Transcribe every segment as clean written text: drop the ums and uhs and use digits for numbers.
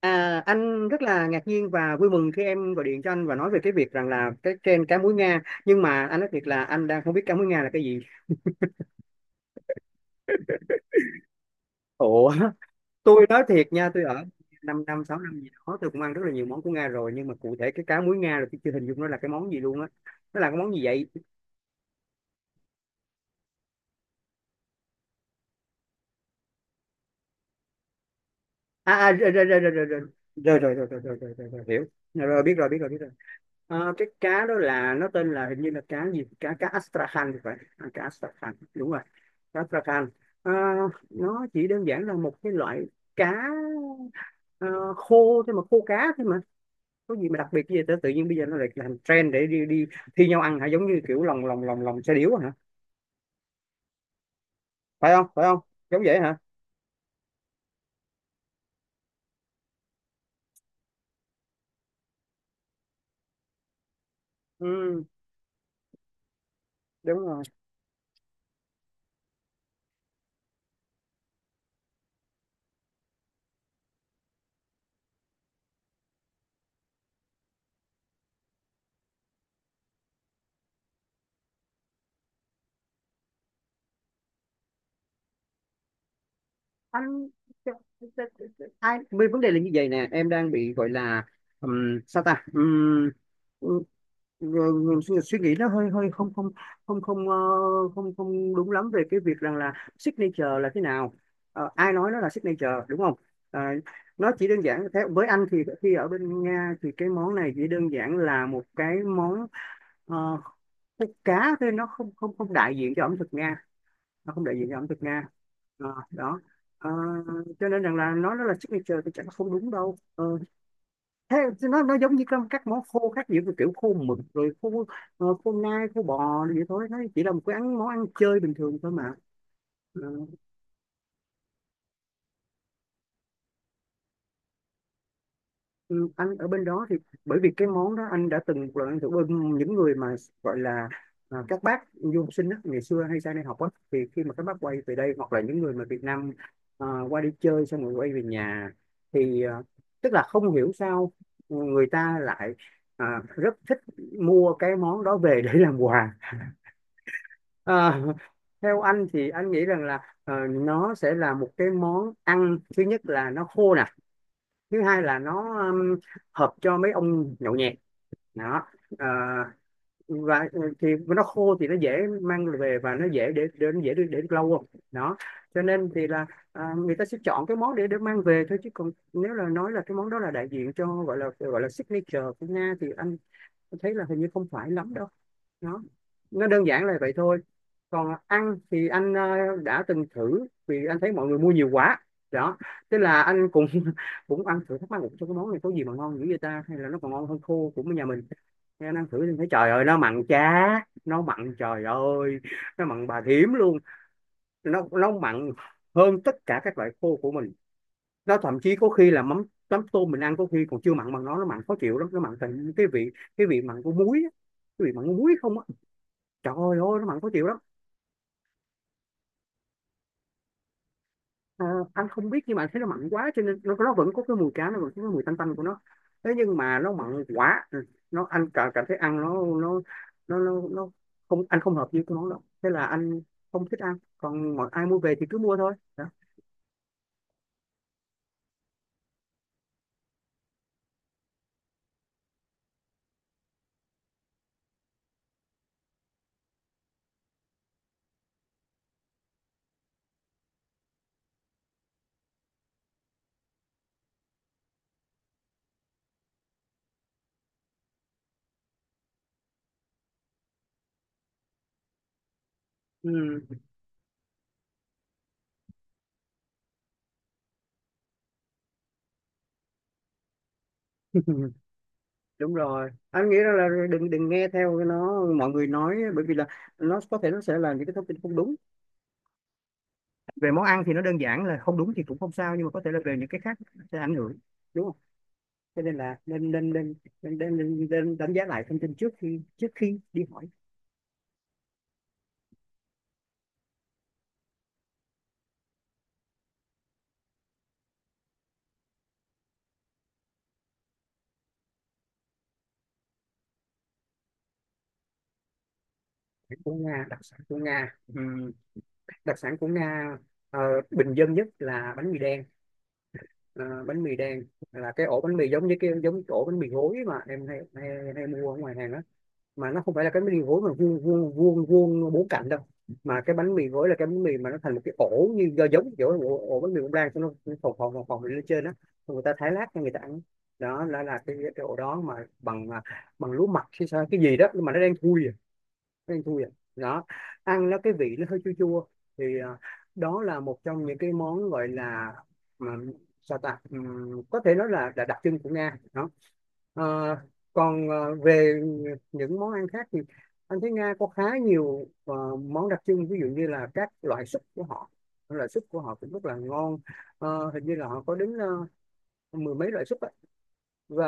À, anh rất là ngạc nhiên và vui mừng khi em gọi điện cho anh và nói về cái việc rằng là cái trend cá muối Nga, nhưng mà anh nói thiệt là anh đang không biết cá muối Nga là cái gì. Ủa, tôi nói thiệt nha, tôi ở 5 năm 6 năm gì đó, tôi cũng ăn rất là nhiều món của Nga rồi, nhưng mà cụ thể cái cá muối Nga là tôi chưa hình dung nó là cái món gì luôn á. Nó là cái món gì vậy? À à, rồi rồi rồi rồi rồi rồi rồi rồi rồi rồi rồi rồi rồi rồi, hiểu Rồi rồi, biết rồi biết rồi biết rồi. Cái cá đó là nó tên là hình như là cá gì, cá cá Astrakhan thì phải, à, cá Astrakhan đúng rồi, cá Astrakhan. Ờ, nó chỉ đơn giản là một cái loại cá ờ, khô thôi mà, khô cá thôi mà, có gì mà đặc biệt gì vậy? Tự nhiên bây giờ nó lại làm trend để đi đi thi nhau ăn hả, giống như kiểu lòng lòng lòng lòng xe điếu hả, phải không phải không, giống vậy hả? Ừ, đúng rồi. Anh hai mươi vấn đề là như vậy nè, em đang bị gọi là sao ta. Ừ, ừ, suy, suy nghĩ nó hơi hơi không không, không không không không đúng lắm về cái việc rằng là signature là thế nào. Ờ, ai nói nó là signature, đúng không? Ờ, nó chỉ đơn giản theo với anh thì khi ở bên Nga thì cái món này chỉ đơn giản là một cái món ờ, khúc cá thôi, nó không không không đại diện cho ẩm thực Nga, nó không đại diện cho ẩm thực Nga. Ờ, đó. Ờ, cho nên rằng là nói nó là signature thì chắc là không đúng đâu. Ờ, thế thì nó giống như các món khô khác, giữa kiểu khô mực rồi khô khô nai khô bò rồi vậy thôi, nó chỉ là một cái ăn món ăn chơi bình thường thôi mà. Ờ, ừ, anh ở bên đó thì bởi vì cái món đó anh đã từng một lần ăn thử bên những người mà gọi là à, các bác du học sinh á, ngày xưa hay sang đây học á, thì khi mà các bác quay về đây hoặc là những người mà Việt Nam à, qua đi chơi xong rồi quay về nhà thì à, tức là không hiểu sao người ta lại à, rất thích mua cái món đó về để làm quà. À, theo anh thì anh nghĩ rằng là nó sẽ là một cái món ăn, thứ nhất là nó khô nè, thứ hai là nó hợp cho mấy ông nhậu nhẹt đó. Ờ, và thì nó khô thì nó dễ mang về và nó dễ để lâu không đó, cho nên thì là à, người ta sẽ chọn cái món để mang về thôi, chứ còn nếu là nói là cái món đó là đại diện cho gọi là signature của Nga thì anh thấy là hình như không phải lắm đâu. nó nó đơn giản là vậy thôi. Còn ăn thì anh đã từng thử vì anh thấy mọi người mua nhiều quá đó, thế là anh cũng cũng ăn thử, thắc mắc một cái món này có gì mà ngon dữ vậy ta, hay là nó còn ngon hơn khô của nhà mình. Thế anh ăn thử thì thấy trời ơi nó mặn chá, nó mặn trời ơi, nó mặn bà thím luôn, nó mặn hơn tất cả các loại khô của mình, nó thậm chí có khi là mắm mắm tôm mình ăn có khi còn chưa mặn bằng nó mặn khó chịu lắm, nó mặn thành cái vị mặn của muối á, cái vị mặn của muối không á, trời ơi ôi nó mặn khó chịu lắm. Ờ, anh không biết nhưng mà anh thấy nó mặn quá cho nên nó vẫn có cái mùi cá, nó vẫn có cái mùi tanh tanh của nó, thế nhưng mà nó mặn quá. Ừ, nó anh cảm cảm thấy ăn nó không, anh không hợp với cái món đó, thế là anh không thích ăn, còn mọi ai mua về thì cứ mua thôi đó. Ừ. Đúng rồi, anh nghĩ rằng là đừng đừng nghe theo nó mọi người nói, bởi vì là nó có thể nó sẽ là những cái thông tin không đúng về món ăn, thì nó đơn giản là không đúng thì cũng không sao, nhưng mà có thể là về những cái khác sẽ ảnh hưởng, đúng không? Cho nên là nên nên nên nên, nên, nên, nên đánh giá lại thông tin trước khi đi hỏi. Của Nga, đặc sản của Nga. Đặc sản của Nga, ờ, bình dân nhất là bánh mì đen. Ờ, bánh mì đen là cái ổ bánh mì giống như cái giống cái ổ bánh mì gối mà em hay hay, hay mua ở ngoài hàng đó, mà nó không phải là cái bánh mì gối mà vuông vuông vuông vuông bốn cạnh đâu, mà cái bánh mì gối là cái bánh mì mà nó thành một cái ổ như do giống kiểu ổ, ổ bánh mì bông lan xong nó phồng phồng phồng phồng lên trên đó. Xong người ta thái lát cho người ta ăn, đó là cái ổ đó mà bằng à, bằng lúa mạch hay sao cái gì đó, nhưng mà nó đang thui. Ăn thui vậy đó, ăn nó cái vị nó hơi chua chua thì à, đó là một trong những cái món gọi là mà, sao ta. Có thể nói là đặc trưng của Nga đó. Ờ, còn về những món ăn khác thì anh thấy Nga có khá nhiều món đặc trưng, ví dụ như là các loại súp của họ, loại súp của họ cũng rất là ngon. Ờ, hình như là họ có đến mười mấy loại súp và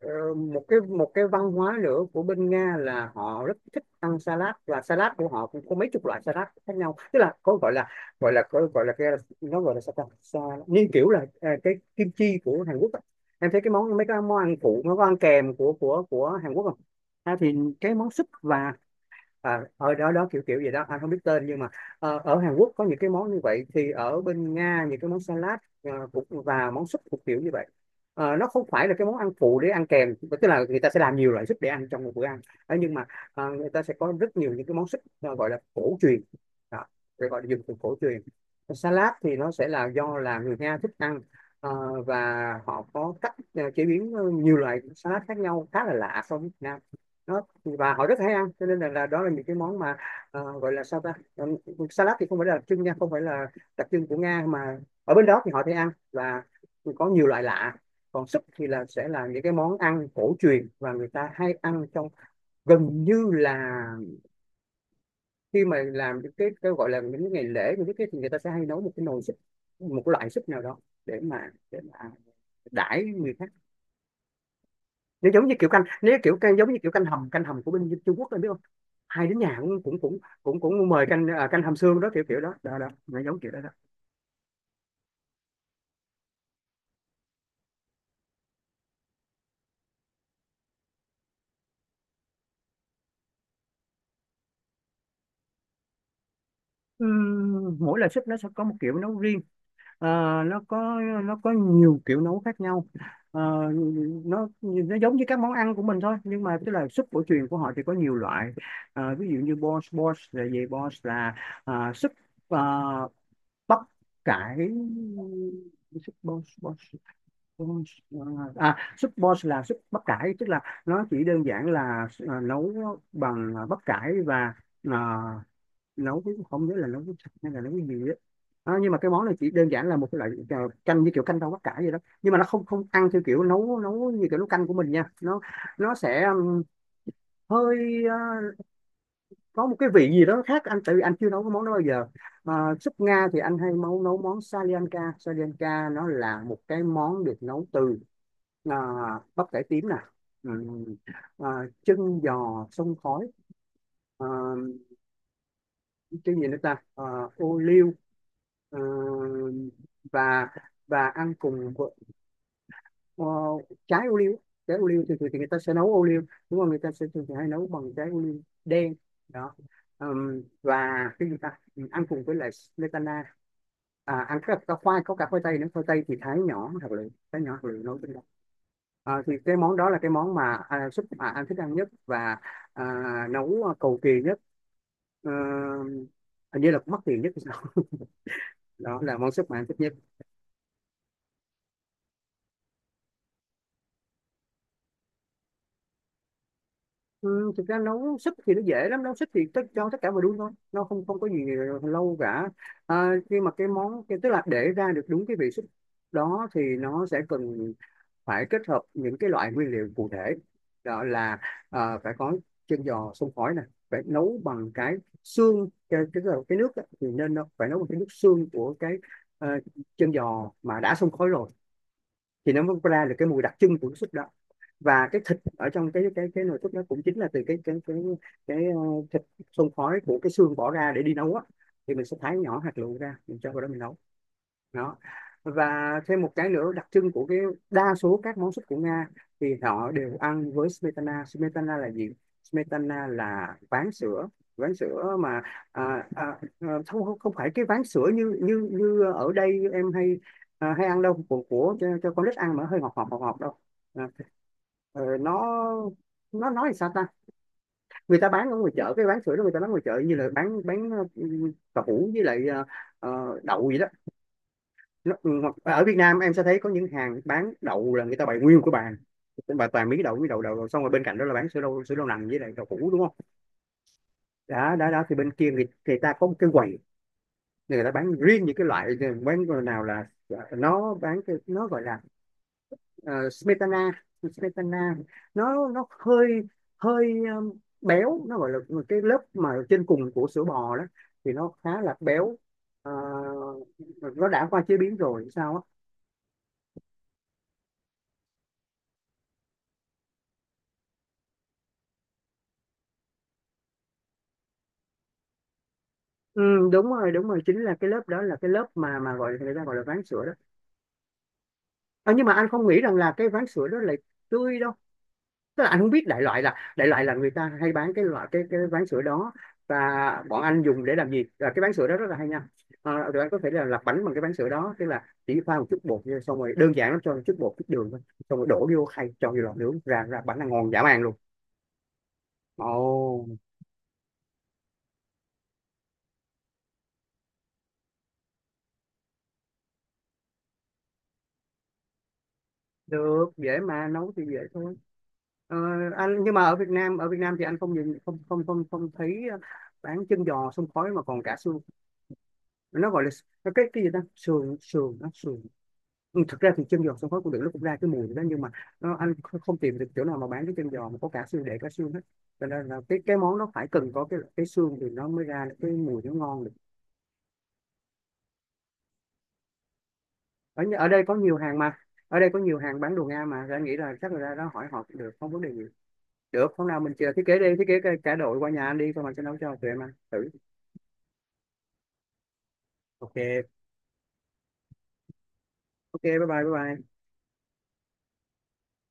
ờ, một cái văn hóa nữa của bên Nga là họ rất thích ăn salad và salad của họ cũng có mấy chục loại salad khác nhau, tức là có gọi là gọi là gọi gọi là cái nó gọi là sao ta Sa- như kiểu là cái kim chi của Hàn Quốc á. Em thấy cái món mấy cái món ăn phụ món ăn kèm của Hàn Quốc không? À, thì cái món súp và à, ở đó đó kiểu kiểu gì đó anh không biết tên, nhưng mà ở Hàn Quốc có những cái món như vậy thì ở bên Nga những cái món salad cũng và món súp cũng kiểu như vậy. Ờ, nó không phải là cái món ăn phụ để ăn kèm, tức là người ta sẽ làm nhiều loại súp để ăn trong một bữa ăn. Ờ, nhưng mà người ta sẽ có rất nhiều những cái món súp gọi là cổ truyền đó, để gọi là dùng từ cổ truyền. Salad thì nó sẽ là do là người Nga thích ăn và họ có cách chế biến nhiều loại salad khác nhau khá là lạ so với Việt Nam. Nó và họ rất hay ăn, cho nên là đó là những cái món mà gọi là sao ta. Salad thì không phải là đặc trưng nha, không phải là đặc trưng của Nga, mà ở bên đó thì họ thấy ăn và có nhiều loại lạ. Còn súp thì là sẽ là những cái món ăn cổ truyền và người ta hay ăn trong gần như là khi mà làm những cái gọi là những cái ngày lễ những cái thì người ta sẽ hay nấu một cái nồi súp, một cái loại súp nào đó để mà đãi người khác. Nếu giống như kiểu canh, nếu kiểu canh giống như kiểu canh hầm của bên Trung Quốc, em biết không, hai đứa nhà cũng cũng cũng cũng cũng mời canh à, canh hầm xương đó, kiểu kiểu đó đó đó nó giống kiểu đó đó. Mỗi loại súp nó sẽ có một kiểu nấu riêng. Ờ, nó có nhiều kiểu nấu khác nhau. Ờ, nó giống như các món ăn của mình thôi, nhưng mà tức là súp cổ truyền của họ thì có nhiều loại. Ờ, ví dụ như bos, bos là gì, bos là à, súp à, bắp cải, súp bos bos. Đúng rồi. Súp bò là súp bắp cải, tức là nó chỉ đơn giản là nấu bằng bắp cải và à, nấu với, không nhớ là nấu với sạch hay là nấu với gì đó. Nhưng mà cái món này chỉ đơn giản là một cái loại canh, như kiểu canh rau bắp cải vậy đó, nhưng mà nó không không ăn theo kiểu nấu nấu như kiểu nấu canh của mình nha. Nó sẽ hơi có một cái vị gì đó khác, anh tại vì anh chưa nấu cái món đó bao giờ. À, Súp Nga thì anh hay nấu nấu món Salianka. Salianka nó là một cái món được nấu từ à, bắp cải tím nè, Ừm, à, chân giò sông khói, à, cái gì nữa ta, ô liu, à, và và ăn cùng với- ờ, trái ô liu. Trái ô liu thì, thì người ta sẽ nấu ô liu đúng không, người ta sẽ thường thì hay nấu bằng trái ô liu đen đó. Và cái gì ta, ừ, ăn cùng với lại smetana, ăn cái khoai, có cả khoai tây nữa, khoai tây thì thái nhỏ thật lựu, thái nhỏ thật lựu nấu trên đó. Thì cái món đó là cái món mà súp mà anh thích ăn nhất, và à, nấu cầu kỳ nhất. Ờ, hình như là cũng mắc tiền nhất thì sao đó là món súp mà anh thích nhất. Ừ, thực ra nấu súp thì nó dễ lắm, nấu súp thì tất, cho tất cả mọi đun thôi, nó không không có gì lâu cả. Khi mà cái món tức là để ra được đúng cái vị súp đó thì nó sẽ cần phải kết hợp những cái loại nguyên liệu cụ thể. Đó là ờ, phải có chân giò xông khói này, phải nấu bằng cái xương, cái nước á, thì nên nó phải nấu bằng cái nước xương của cái ờ, chân giò mà đã xông khói rồi thì nó mới ra được cái mùi đặc trưng của cái súp đó. Và cái thịt ở trong cái nồi súp đó cũng chính là từ cái thịt xông khói của cái xương bỏ ra để đi nấu á, thì mình sẽ thái nhỏ hạt lựu ra, mình cho vào đó mình nấu đó. Và thêm một cái nữa đặc trưng của cái đa số các món súp của Nga thì họ đều ăn với smetana. Smetana là gì, smetana là ván sữa. Ván sữa mà à, à, à, không không không phải cái ván sữa như như như ở đây em hay hay ăn đâu, của cho con nít ăn mà hơi ngọt ngọt ngọt ngọt đâu. à, ờ, nó nó nói sao ta, người ta bán ở ngoài chợ cái bán sữa đó, người ta bán ngoài chợ như là bán ừ, cà hũ với lại đậu vậy đó. Nó, ừ, hoặc ở Việt Nam em sẽ thấy có những hàng bán đậu là người ta bày nguyên một cái bàn bà toàn mí đậu đậu đậu. Xong rồi bên cạnh đó là bán sữa đậu, sữa đậu nành với lại đậu hũ đúng không. Đó đó đó, thì bên kia người ta có một cái quầy, người ta bán riêng những cái loại ờ, bán nào là nó bán cái nó gọi là ờ, smetana. Smetana nó hơi hơi béo, nó gọi là cái lớp mà trên cùng của sữa bò đó thì nó khá là béo. Ờ, nó đã qua chế biến rồi sao á. Ừ, đúng rồi chính là cái lớp đó, là cái lớp mà gọi người ta gọi là ván sữa đó. Nhưng mà anh không nghĩ rằng là cái ván sữa đó là tươi đâu, tức là anh không biết, đại loại là người ta hay bán cái loại cái ván sữa đó. Và bọn anh dùng để làm gì, là cái ván sữa đó rất là hay nha. Tụi anh có thể là làm bánh bằng cái ván sữa đó, tức là chỉ pha một chút bột vô, xong rồi đơn giản lắm, cho một chút bột chút đường thôi, xong rồi đổ vô khay cho vô lò nướng, ra ra bánh là ngon dã man luôn. Ồ, được, dễ mà, nấu thì dễ thôi. Ờ, anh nhưng mà ở Việt Nam, ở Việt Nam thì anh không nhìn không không không không thấy bán chân giò xông khói mà còn cả xương. Nó gọi là s- nó cái gì ta, sườn, sườn nó sườn. Ừ, thực ra thì chân giò xông khói cũng được, nó cũng ra cái mùi đó nhưng mà nó, anh kh- không tìm được chỗ nào mà bán cái chân giò mà có cả xương, để cả xương hết. Cho nên là cái món nó phải cần có cái xương thì nó mới ra được cái mùi nó ngon được. Ở đây có nhiều hàng mà, ở đây có nhiều hàng bán đồ Nga mà. Thì anh nghĩ là chắc là ra đó hỏi họ cũng được, không vấn đề gì. Được, hôm nào mình chờ thiết kế đi, thiết kế cái- cả đội qua nhà anh đi, xong rồi sẽ nấu cho tụi em ăn. Thử. Ok, ok, bye bye, bye bye.